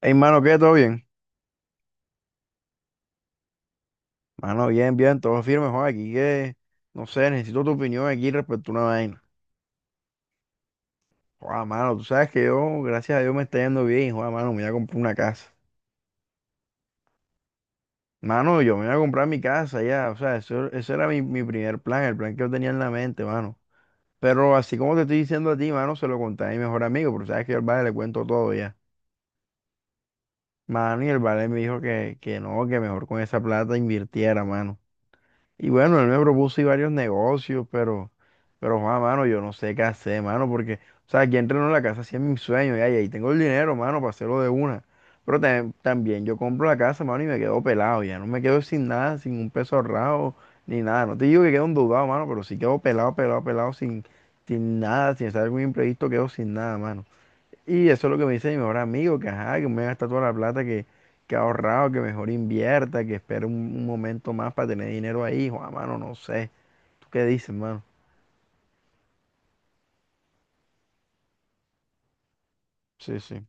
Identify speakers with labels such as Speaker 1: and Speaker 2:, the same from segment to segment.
Speaker 1: Hey, mano, ¿qué? ¿Todo bien? Mano, bien, bien, todo firme, joder, aquí que, no sé, necesito tu opinión aquí respecto a una vaina. Joder, mano, tú sabes que yo, gracias a Dios, me está yendo bien, joder, mano, me voy a comprar una casa. Mano, yo me voy a comprar mi casa ya, o sea, eso, ese era mi primer plan, el plan que yo tenía en la mente, mano. Pero así como te estoy diciendo a ti, mano, se lo conté a mi mejor amigo, pero sabes que yo al vale le cuento todo ya. Mano, y el vale me dijo que no, que mejor con esa plata invirtiera, mano. Y bueno, él me propuso y varios negocios, pero. Pero, Juan, mano, yo no sé qué hacer, mano, porque, o sea, aquí entreno en la casa, sí es mi sueño, ya, y ahí tengo el dinero, mano, para hacerlo de una. Pero también yo compro la casa, mano, y me quedo pelado, ya no me quedo sin nada, sin un peso ahorrado, ni nada. No te digo que quedo endeudado, mano, pero sí quedo pelado, pelado, pelado, sin nada, sin hacer algún imprevisto, quedo sin nada, mano. Y eso es lo que me dice mi mejor amigo, que ajá, que me gasta toda la plata que ha ahorrado, que mejor invierta, que espere un momento más para tener dinero ahí, Juan, mano, no sé. ¿Tú qué dices, mano? Sí, sí.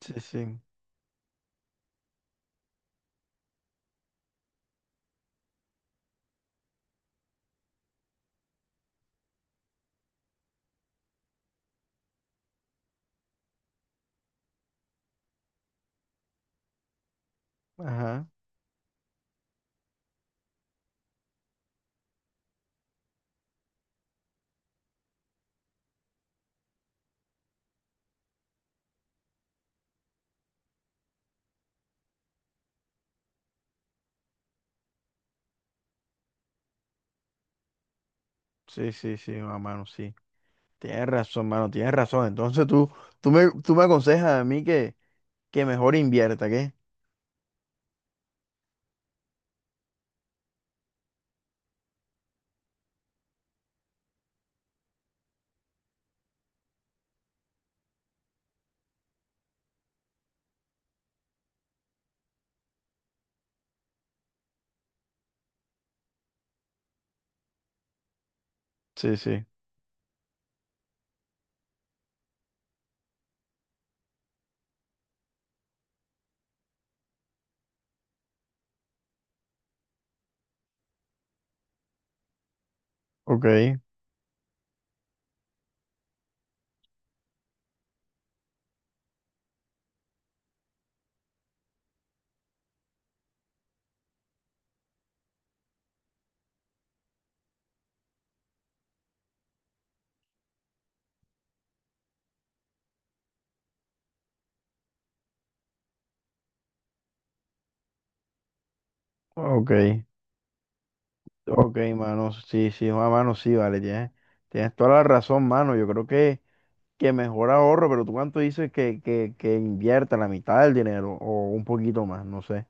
Speaker 1: Sí, sí. Ajá. Sí, sí, sí, mano, sí. Tienes razón, mano, tienes razón. Entonces tú me aconsejas a mí que mejor invierta, ¿qué? Sí, sí. Ok, ok, ok, mano, sí, sí, mano, sí, vale, tienes toda la razón, mano. Yo creo que mejor ahorro, pero tú cuánto dices que invierta la mitad del dinero o un poquito más, no sé.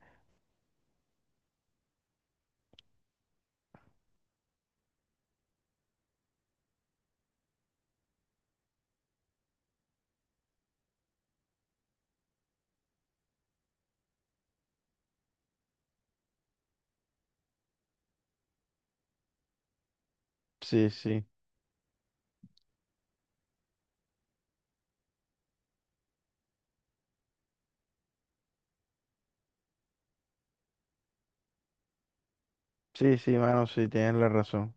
Speaker 1: Sí, sí, sí, sí, mano, sí, tienes la razón.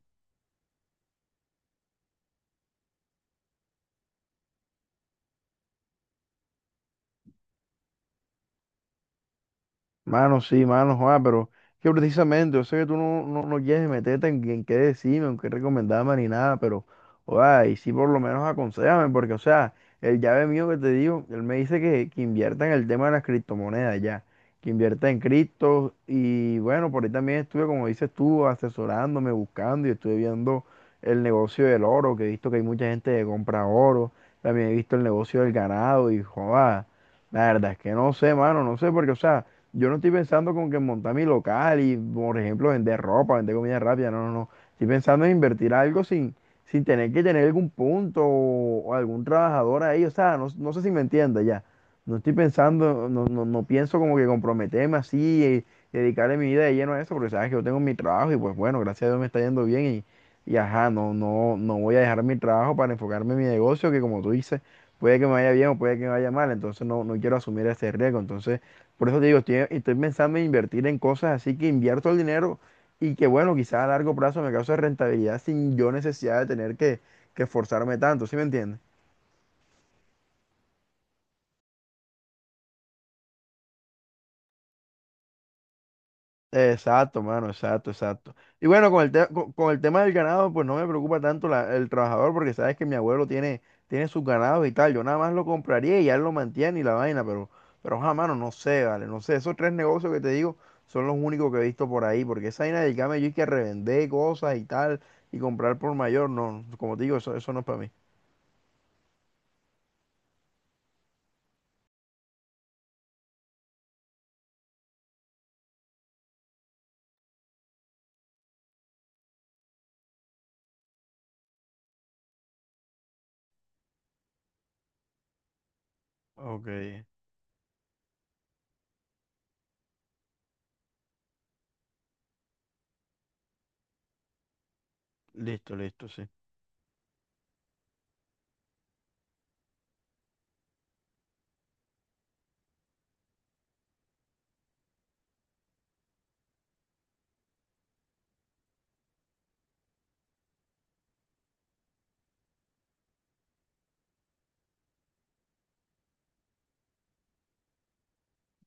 Speaker 1: Mano, sí, mano, Juan, pero que precisamente, yo sé que tú no quieres meterte en qué decirme, en qué recomendarme ni nada, pero, oa, y sí por lo menos aconsejame, porque, o sea, el llave mío que te digo, él me dice que invierta en el tema de las criptomonedas ya, que invierta en criptos, y bueno, por ahí también estuve, como dices tú, asesorándome, buscando, y estuve viendo el negocio del oro, que he visto que hay mucha gente que compra oro, también he visto el negocio del ganado, y, joa, la verdad es que no sé, mano, no sé, porque, o sea, yo no estoy pensando como que montar mi local y, por ejemplo, vender ropa, vender comida rápida, no, no, no. Estoy pensando en invertir algo sin tener que tener algún punto o algún trabajador ahí. O sea, no sé si me entiendes ya. No estoy pensando, no pienso como que comprometerme así dedicarle mi vida de lleno a eso, porque sabes que yo tengo mi trabajo y pues bueno, gracias a Dios me está yendo bien y ajá, no voy a dejar mi trabajo para enfocarme en mi negocio, que como tú dices, puede que me vaya bien o puede que me vaya mal, entonces no quiero asumir ese riesgo. Entonces, por eso te digo, estoy pensando en invertir en cosas así que invierto el dinero y que, bueno, quizás a largo plazo me cause rentabilidad sin yo necesidad de tener que esforzarme tanto, ¿sí me entiendes? Exacto, mano, exacto, exacto. Y bueno, con el tema del ganado, pues no me preocupa tanto el trabajador, porque sabes que mi abuelo tiene sus ganados y tal. Yo nada más lo compraría y él lo mantiene y la vaina, pero, ajá, mano, no sé, vale, no sé. Esos tres negocios que te digo son los únicos que he visto por ahí, porque esa vaina del camello y que revender cosas y tal y comprar por mayor, no, como te digo, eso no es para mí. Ok, listo, listo, sí.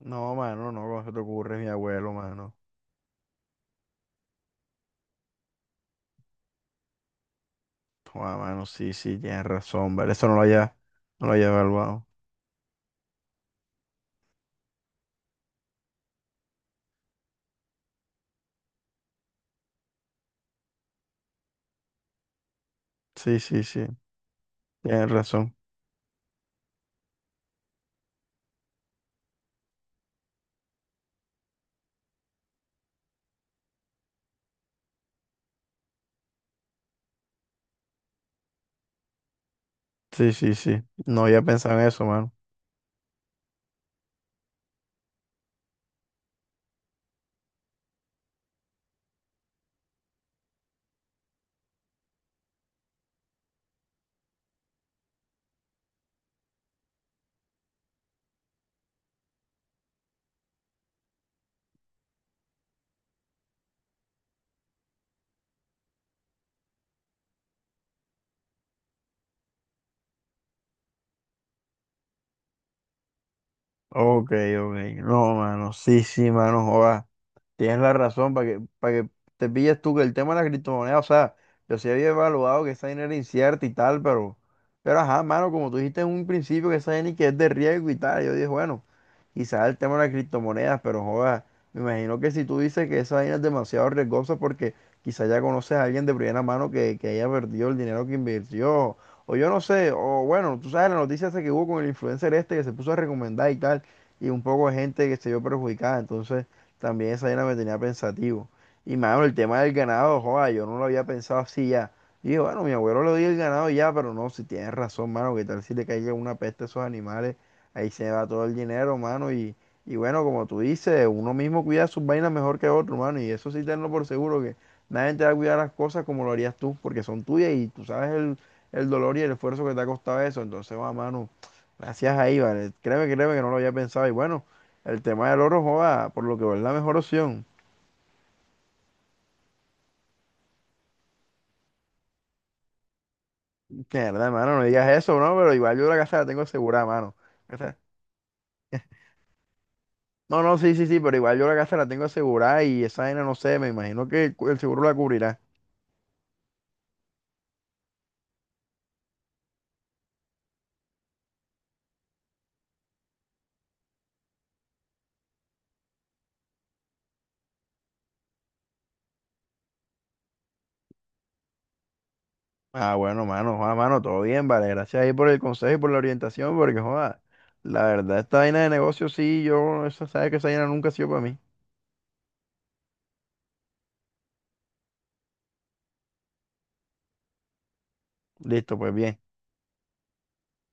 Speaker 1: No, mano, no, ¿cómo se te ocurre, mi abuelo, mano? Joder, mano, sí, sí, tienes razón, ¿vale? Eso no lo había evaluado. Sí, sí, sí, tienes razón. Sí, sí, sí. No había pensado en eso, mano. Ok, ok. No, mano, sí, sí, mano, joda. Tienes la razón para que te pilles tú que el tema de la criptomoneda, o sea, yo sí había evaluado que esa dinero era incierta y tal, pero, ajá, mano, como tú dijiste en un principio que esa dinero que es de riesgo y tal, yo dije, bueno. Quizás el tema de las criptomonedas, pero joda, me imagino que si tú dices que esa vaina es demasiado riesgosa porque quizás ya conoces a alguien de primera mano que haya perdido el dinero que invirtió, o yo no sé, o bueno, tú sabes la noticia esa que hubo con el influencer este que se puso a recomendar y tal, y un poco de gente que se vio perjudicada, entonces también esa vaina me tenía pensativo. Y mano, el tema del ganado, joda, yo no lo había pensado así ya. Y dije, bueno, mi abuelo le dio el ganado y ya, pero no, si tienes razón, mano, que tal si le caiga una peste a esos animales. Ahí se va todo el dinero, mano. Y bueno, como tú dices, uno mismo cuida sus vainas mejor que otro, mano. Y eso sí tenlo por seguro, que nadie te va a cuidar las cosas como lo harías tú, porque son tuyas y tú sabes el dolor y el esfuerzo que te ha costado eso. Entonces, va, mano, gracias ahí, vale. Créeme que no lo había pensado. Y bueno, el tema del oro, joda, por lo que veo, es la mejor opción. Que verdad, mano, no digas eso, ¿no? Pero igual yo la casa la tengo asegurada, mano. O sea, no, no, sí, sí, sí, pero igual yo la casa la tengo asegurada y esa vaina, no sé, me imagino que el el seguro la cubrirá. Ah, bueno, mano, Juan, mano, todo bien, vale. Gracias ahí por el consejo y por la orientación, porque, joda, la verdad, esta vaina de negocio, sí, sabes que esa vaina nunca ha sido para mí. Listo, pues bien.